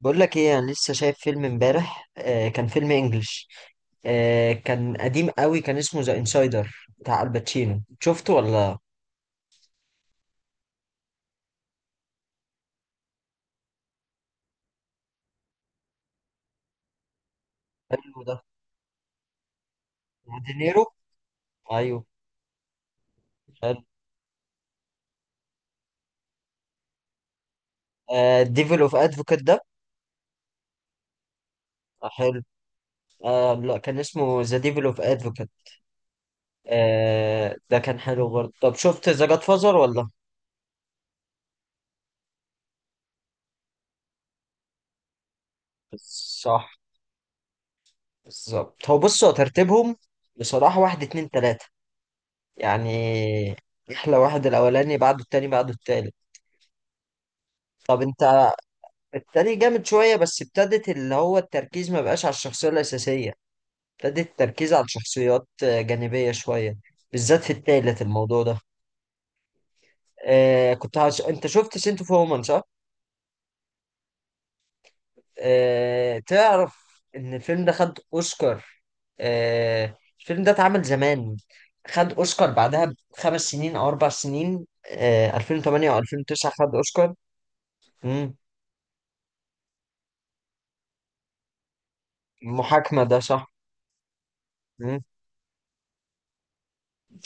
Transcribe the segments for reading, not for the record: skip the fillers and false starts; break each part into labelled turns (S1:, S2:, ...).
S1: بقول لك ايه، انا لسه شايف فيلم امبارح. كان فيلم انجلش، كان قديم قوي، كان اسمه ذا انسايدر بتاع الباتشينو. شفته ولا؟ حلو ده مع دينيرو. ايوه، حلو. آه، ديفل اوف ادفوكات ده. آه، حلو. آه لا، كان اسمه ذا ديفل اوف ادفوكات. آه، ده كان حلو برضه. طب، شفت ذا جاد فازر ولا؟ صح، بالظبط. هو بص، هو ترتيبهم بصراحة واحد اتنين تلاتة يعني. احلى واحد الاولاني، بعده التاني، بعده التالت. طب انت التاني جامد شوية، بس ابتدت اللي هو التركيز ما بقاش على الشخصية الأساسية. ابتدت التركيز على شخصيات جانبية شوية، بالذات في التالت، الموضوع ده. انت شفت سنت اوف وومن صح؟ آه، تعرف ان الفيلم ده خد اوسكار؟ آه، الفيلم ده اتعمل زمان، خد اوسكار بعدها بخمس سنين او اربع سنين، 2008 او 2009 خد اوسكار. مم. المحاكمة ده صح.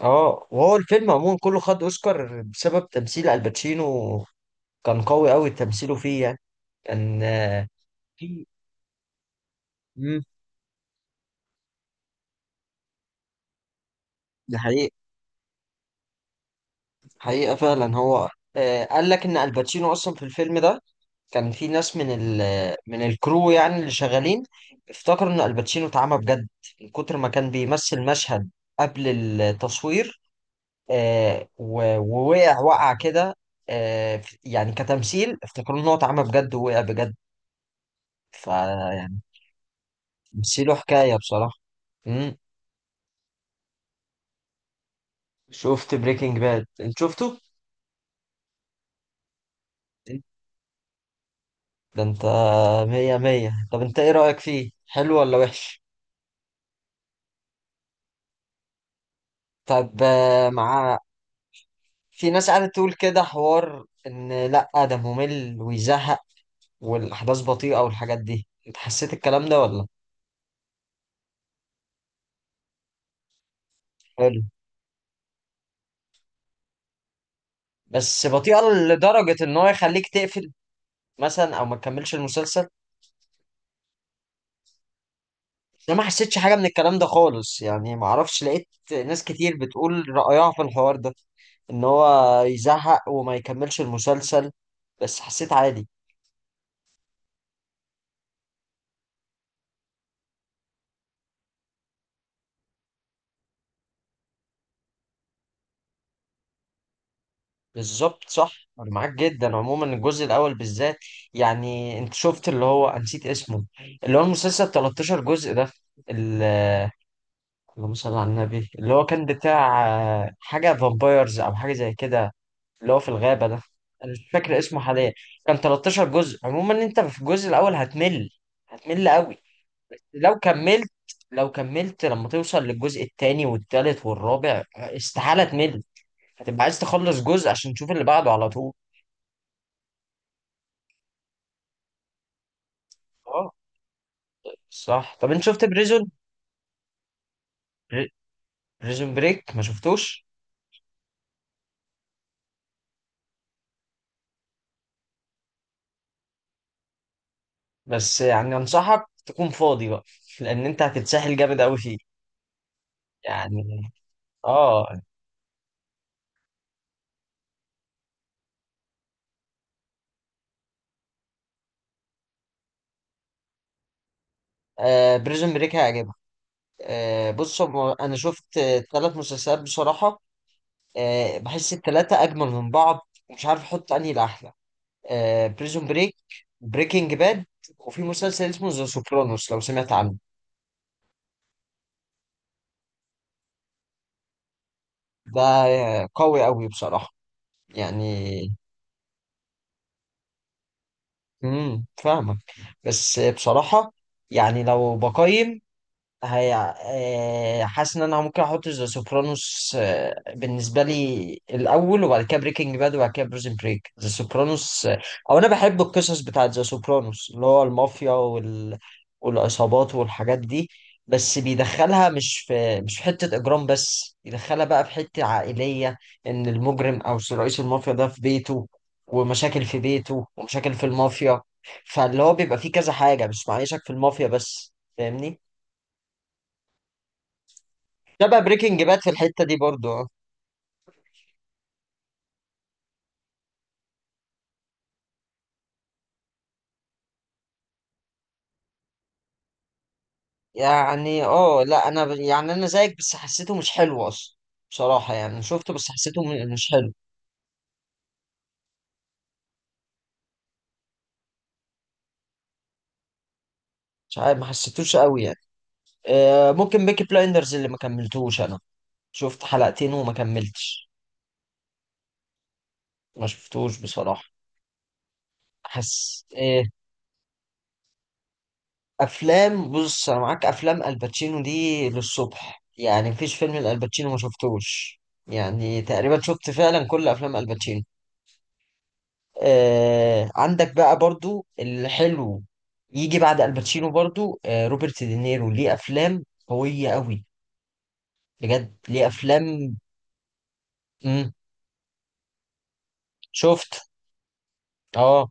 S1: اه، وهو الفيلم عموما كله خد اوسكار بسبب تمثيل الباتشينو. كان قوي قوي تمثيله فيه يعني. كان آه، في مم، دي حقيقة، حقيقة فعلا هو. آه، قال لك ان الباتشينو اصلا في الفيلم ده كان في ناس من الكرو، يعني اللي شغالين افتكروا ان الباتشينو اتعمى بجد من كتر ما كان بيمثل مشهد قبل التصوير. ووقع كده. آه، يعني كتمثيل افتكروا ان هو اتعمى بجد ووقع بجد. ف بس له حكاية بصراحة. امم شفت بريكنج باد؟ انت شفته؟ ده انت مية مية. طب انت ايه رأيك فيه؟ حلو ولا وحش؟ طب، آه، مع في ناس قاعدة تقول كده حوار ان لأ ده ممل ويزهق، والأحداث بطيئة والحاجات دي. انت حسيت الكلام ده ولا؟ حلو، بس بطيئة لدرجة ان هو يخليك تقفل مثلا، او ما تكملش المسلسل. انا ما حسيتش حاجه من الكلام ده خالص يعني، ما اعرفش لقيت ناس كتير بتقول رايها في الحوار ده، ان هو يزهق وما يكملش المسلسل، بس حسيت عادي. بالظبط، صح. انا معاك جدا، عموما الجزء الاول بالذات. يعني انت شفت اللي هو أنا نسيت اسمه، اللي هو المسلسل 13 جزء ده؟ ال- اللهم صل على النبي، اللي هو كان بتاع حاجه فامبايرز، او حاجه زي كده، اللي هو في الغابة ده. أنا مش فاكر اسمه حاليا. كان 13 جزء. عموما أنت في الجزء الأول هتمل، هتمل قوي. لو كملت لو كملت لما توصل للجزء التاني والتالت والرابع، استحالة تمل. هتبقى عايز تخلص جزء عشان تشوف اللي بعده على طول. اه، صح. طب، أنت شفت بريزون بريك ما شفتوش؟ بس يعني أنصحك تكون فاضي بقى، لأن أنت هتتسحل جامد قوي فيه يعني. اه. آه، بريزون بريك هيعجبك. آه، بص، هو انا شفت ثلاث مسلسلات بصراحه. آه، بحس الثلاثه اجمل من بعض ومش عارف احط انهي الاحلى. بريزون بريك، بريكنج باد، وفي مسلسل اسمه ذا سوبرانوس لو سمعت عنه. ده قوي قوي بصراحه يعني. فاهمك. بس بصراحه يعني، لو بقيم، هي حاسس ان انا ممكن احط ذا سوبرانوس، بالنسبه لي، الاول وبعد كده بريكنج باد وبعد كده بريزن بريك. ذا سوبرانوس، او انا بحب القصص بتاعت ذا سوبرانوس اللي هو المافيا والعصابات والحاجات دي. بس بيدخلها مش في حته اجرام بس، يدخلها بقى في حته عائليه. ان المجرم او رئيس المافيا ده في بيته، ومشاكل في بيته ومشاكل في المافيا. فاللي هو بيبقى فيه كذا حاجه، مش معيشك في المافيا بس، فاهمني. شبه بريكنج باد في الحتة دي برضو، اه. يعني اه لا، يعني انا زيك، بس حسيته مش حلو اصلا بصراحة يعني. شفته بس حسيته مش حلو. مش عارف، ما حسيتوش قوي يعني. آه، ممكن بيكي بلايندرز اللي ما كملتوش انا، شفت حلقتين وما كملتش. ما شفتوش بصراحة. حس إيه، افلام؟ بص، انا معاك، افلام الباتشينو دي للصبح يعني، مفيش فيلم الالباتشينو ما شفتوش، يعني تقريبا شفت فعلا كل افلام الباتشينو. آه، عندك بقى برضو الحلو يجي بعد الباتشينو. برضو روبرت دينيرو ليه افلام قوية قوي، بجد ليه افلام. مم. شفت. اه،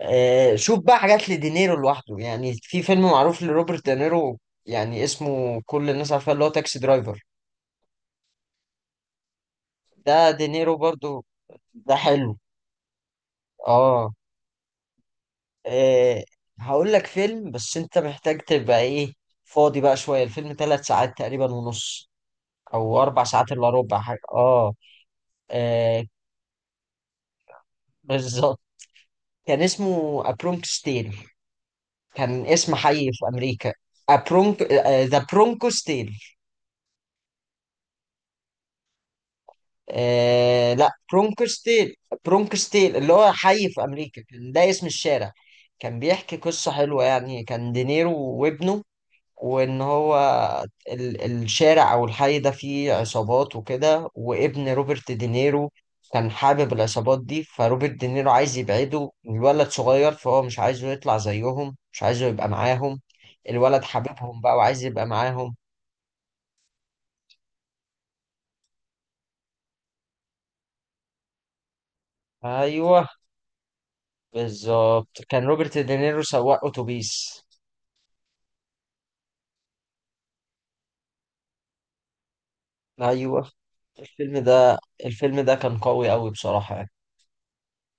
S1: آه، شوف بقى حاجات لدينيرو لوحده، يعني في فيلم معروف لروبرت دينيرو، يعني اسمه كل الناس عارفاه، اللي هو تاكسي درايفر. ده دينيرو برضو. ده حلو، اه. آه، هقول لك فيلم، بس انت محتاج تبقى ايه، فاضي بقى شوية. الفيلم ثلاث ساعات تقريبا ونص، او اربع ساعات الا ربع حاجه، اه. آه، بالظبط، كان اسمه ابرونكس تيل، كان اسم حي في امريكا. ابرونك ذا برونكوس تيل. آه لا، برونكوس تيل. برونكوس تيل اللي هو حي في امريكا، كان ده اسم الشارع. كان بيحكي قصه حلوه، يعني كان دينيرو وابنه، وان هو الشارع او الحي ده فيه عصابات وكده، وابن روبرت دينيرو كان حابب العصابات دي، فروبرت دينيرو عايز يبعده، الولد صغير، فهو مش عايزه يطلع زيهم، مش عايزه يبقى معاهم. الولد حاببهم بقى وعايز يبقى معاهم. ايوه، بالظبط. كان روبرت دينيرو سواق اتوبيس. ايوه، الفيلم ده الفيلم ده كان قوي قوي بصراحة يعني.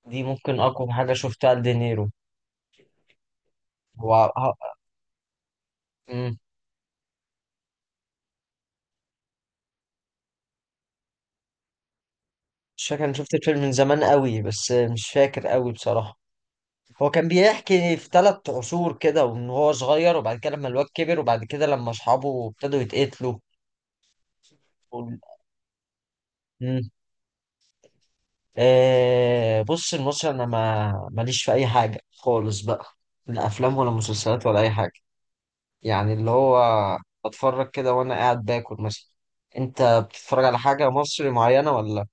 S1: دي ممكن اقوى حاجة شفتها لدينيرو. هو مش فاكر، انا شفت الفيلم من زمان قوي، بس مش فاكر قوي بصراحة. هو كان بيحكي في ثلاث عصور كده، وان هو صغير، وبعد كده لما الواد كبر، وبعد كده لما اصحابه ابتدوا يتقتلوا وال- مم. آه، بص، المصري انا ما ماليش في اي حاجة خالص بقى، لا افلام ولا مسلسلات ولا اي حاجة، يعني اللي هو بتفرج كده وانا قاعد باكل مثلا. انت بتتفرج على حاجة مصري معينة ولا؟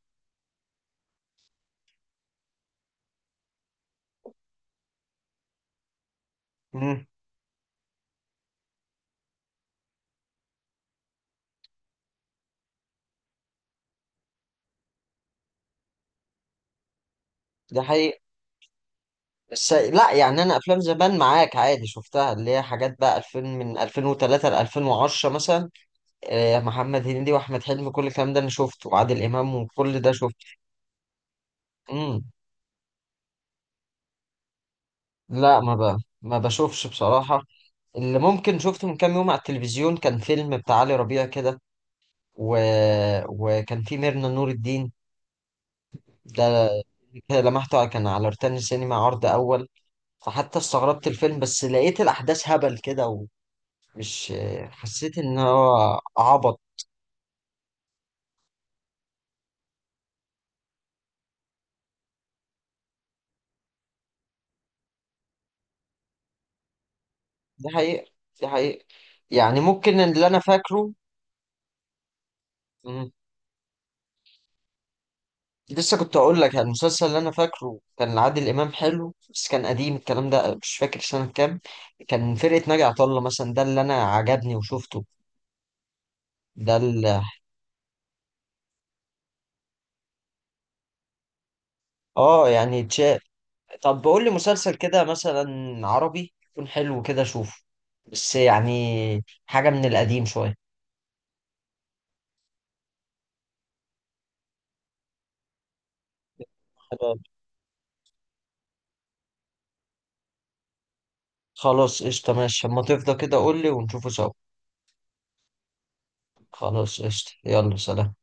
S1: مم. ده حقيقي. بس لا يعني، انا افلام زمان معاك عادي شفتها، اللي هي حاجات بقى 2000، من 2003 ل 2010 مثلا. آه، محمد هنيدي واحمد حلمي كل الكلام ده انا شفته، وعادل امام وكل ده شفته. امم لا، ما بشوفش بصراحة. اللي ممكن شفته من كام يوم على التلفزيون كان فيلم بتاع علي ربيع كده، و... وكان فيه ميرنا نور الدين ده. كده لمحته، كان على روتانا السينما عرض اول، فحتى استغربت الفيلم، بس لقيت الاحداث هبل كده ومش، حسيت ان هو عبط. دي حقيقة، دي حقيقة، يعني ممكن اللي أنا فاكره. مم. لسه كنت أقول لك يعني، المسلسل اللي أنا فاكره كان عادل إمام حلو، بس كان قديم الكلام ده، مش فاكر سنة كام، كان فرقة ناجي عطا الله مثلا، ده اللي أنا عجبني وشفته. ده اللي آه يعني طب، بقول لي مسلسل كده مثلا عربي يكون حلو كده أشوفه، بس يعني حاجة من القديم شوية. خلاص قشطة، ماشي، أما تفضى كده قول لي ونشوفه سوا. خلاص قشطة، يلا سلام.